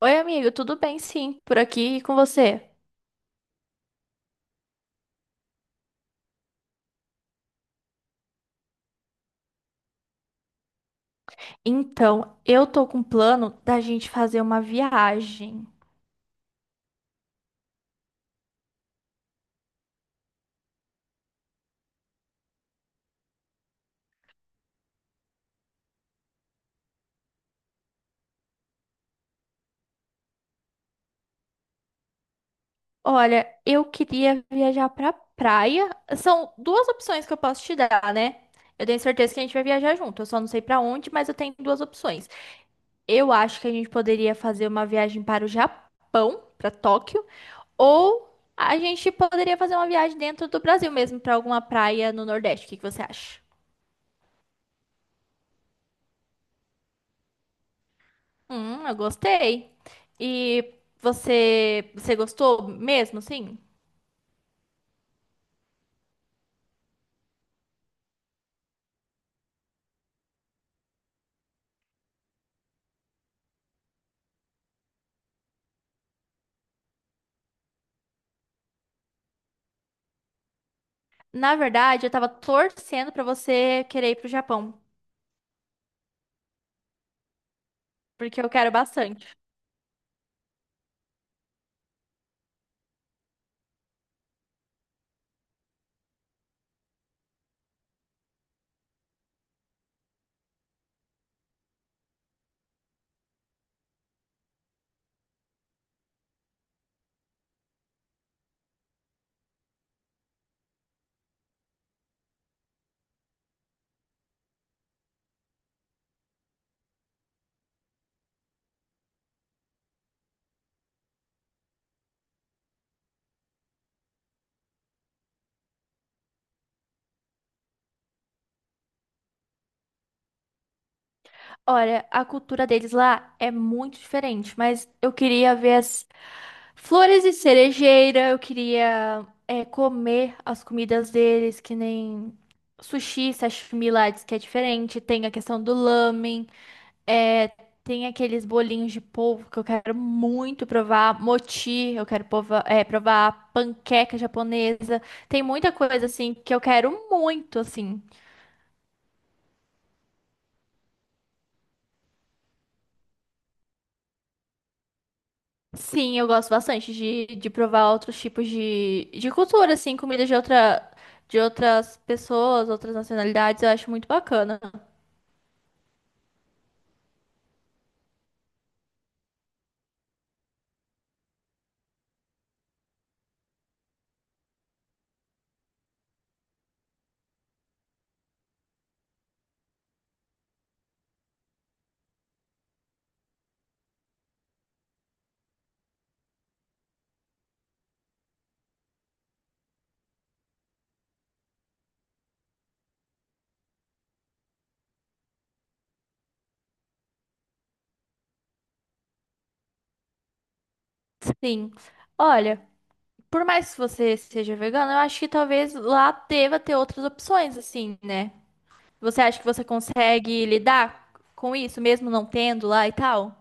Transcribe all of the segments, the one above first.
Oi, amigo, tudo bem? Sim, por aqui e com você. Então, eu tô com um plano da gente fazer uma viagem. Olha, eu queria viajar pra praia. São duas opções que eu posso te dar, né? Eu tenho certeza que a gente vai viajar junto. Eu só não sei pra onde, mas eu tenho duas opções. Eu acho que a gente poderia fazer uma viagem para o Japão, pra Tóquio, ou a gente poderia fazer uma viagem dentro do Brasil mesmo, pra alguma praia no Nordeste. O que que você acha? Eu gostei. E você gostou mesmo, sim? Na verdade, eu tava torcendo pra você querer ir pro Japão, porque eu quero bastante. Olha, a cultura deles lá é muito diferente, mas eu queria ver as flores de cerejeira, eu queria comer as comidas deles, que nem sushi, sashimi lá, diz que é diferente, tem a questão do lamen. É, tem aqueles bolinhos de polvo que eu quero muito provar, mochi, eu quero provar provar panqueca japonesa. Tem muita coisa assim que eu quero muito, assim. Sim, eu gosto bastante de provar outros tipos de cultura, assim, comida de outras pessoas, outras nacionalidades, eu acho muito bacana. Sim. Olha, por mais que você seja vegano, eu acho que talvez lá deva ter outras opções, assim, né? Você acha que você consegue lidar com isso, mesmo não tendo lá e tal?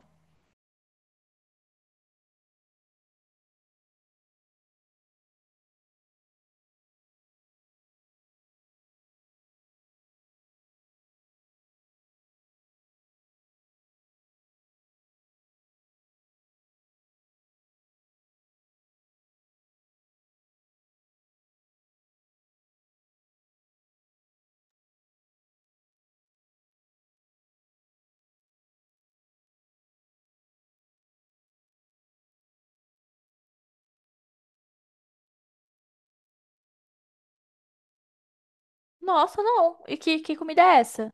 Nossa, não. E que comida é essa?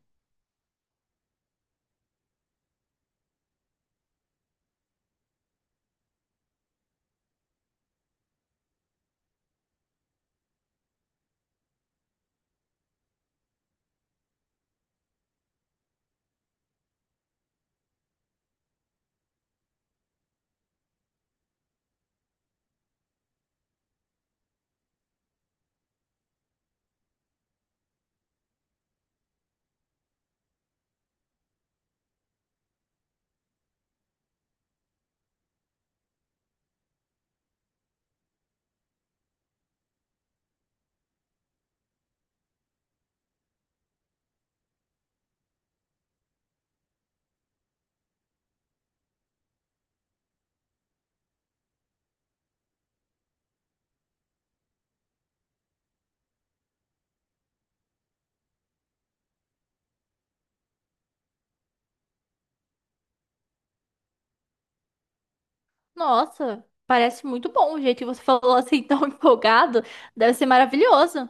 Nossa, parece muito bom. O jeito que você falou assim, tão empolgado, deve ser maravilhoso.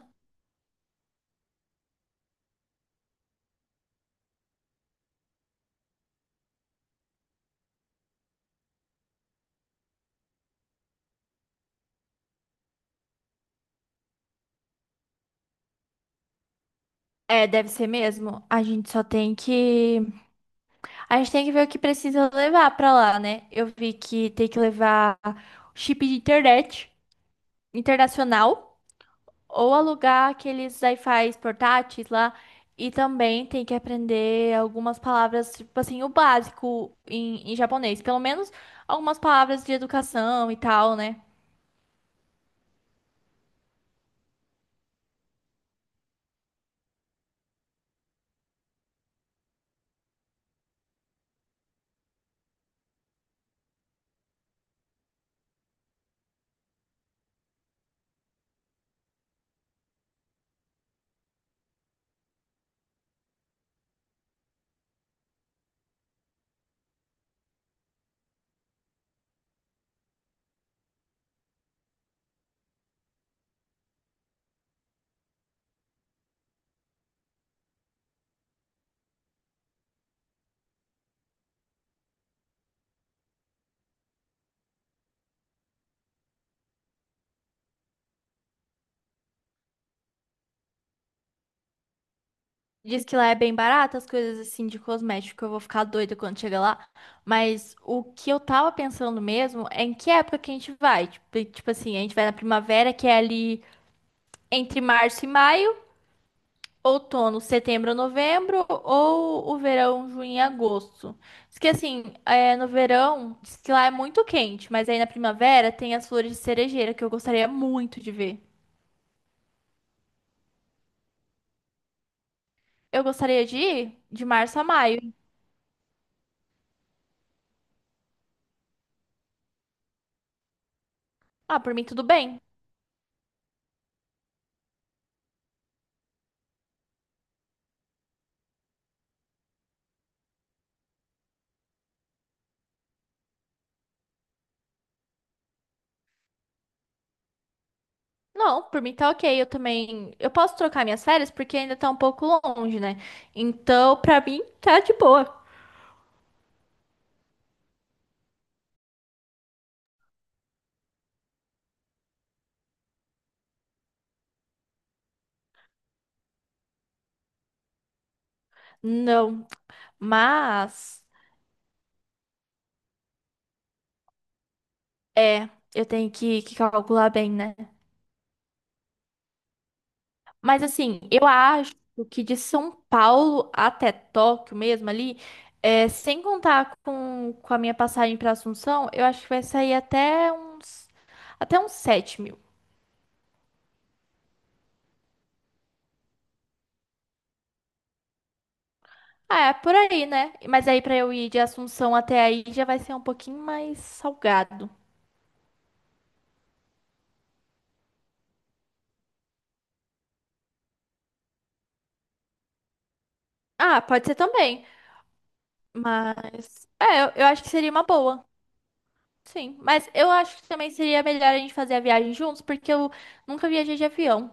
É, deve ser mesmo. A gente só tem que. A gente tem que ver o que precisa levar pra lá, né? Eu vi que tem que levar chip de internet internacional. Ou alugar aqueles wi-fis portáteis lá. E também tem que aprender algumas palavras, tipo assim, o básico em japonês. Pelo menos algumas palavras de educação e tal, né? Diz que lá é bem barato as coisas assim de cosmético. Eu vou ficar doida quando chegar lá. Mas o que eu tava pensando mesmo é em que época que a gente vai. Tipo assim, a gente vai na primavera, que é ali entre março e maio. Outono, setembro, novembro, ou o verão, junho e agosto. Diz que assim, é, no verão, diz que lá é muito quente, mas aí na primavera tem as flores de cerejeira que eu gostaria muito de ver. Eu gostaria de ir de março a maio. Ah, por mim tudo bem. Não, por mim tá ok. Eu também. Eu posso trocar minhas férias porque ainda tá um pouco longe, né? Então, pra mim, tá de boa. Não, mas. É, eu tenho que calcular bem, né? Mas assim, eu acho que de São Paulo até Tóquio mesmo ali, é, sem contar com a minha passagem para Assunção, eu acho que vai sair até uns 7 mil. Ah, é por aí, né? Mas aí para eu ir de Assunção até aí já vai ser um pouquinho mais salgado. Ah, pode ser também. Mas é, eu acho que seria uma boa. Sim, mas eu acho que também seria melhor a gente fazer a viagem juntos, porque eu nunca viajei de avião.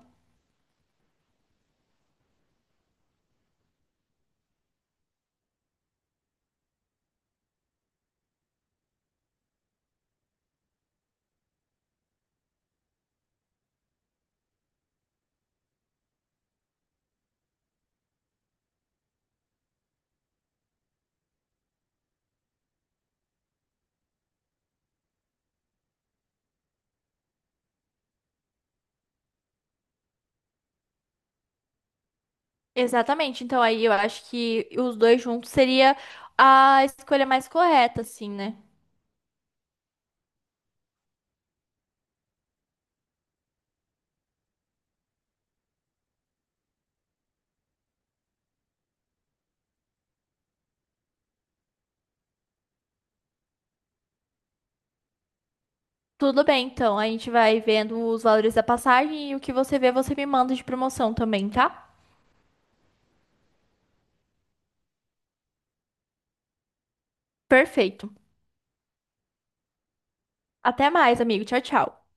Exatamente. Então aí eu acho que os dois juntos seria a escolha mais correta, assim, né? Tudo bem, então. A gente vai vendo os valores da passagem e o que você vê, você me manda de promoção também, tá? Perfeito. Até mais, amigo. Tchau, tchau.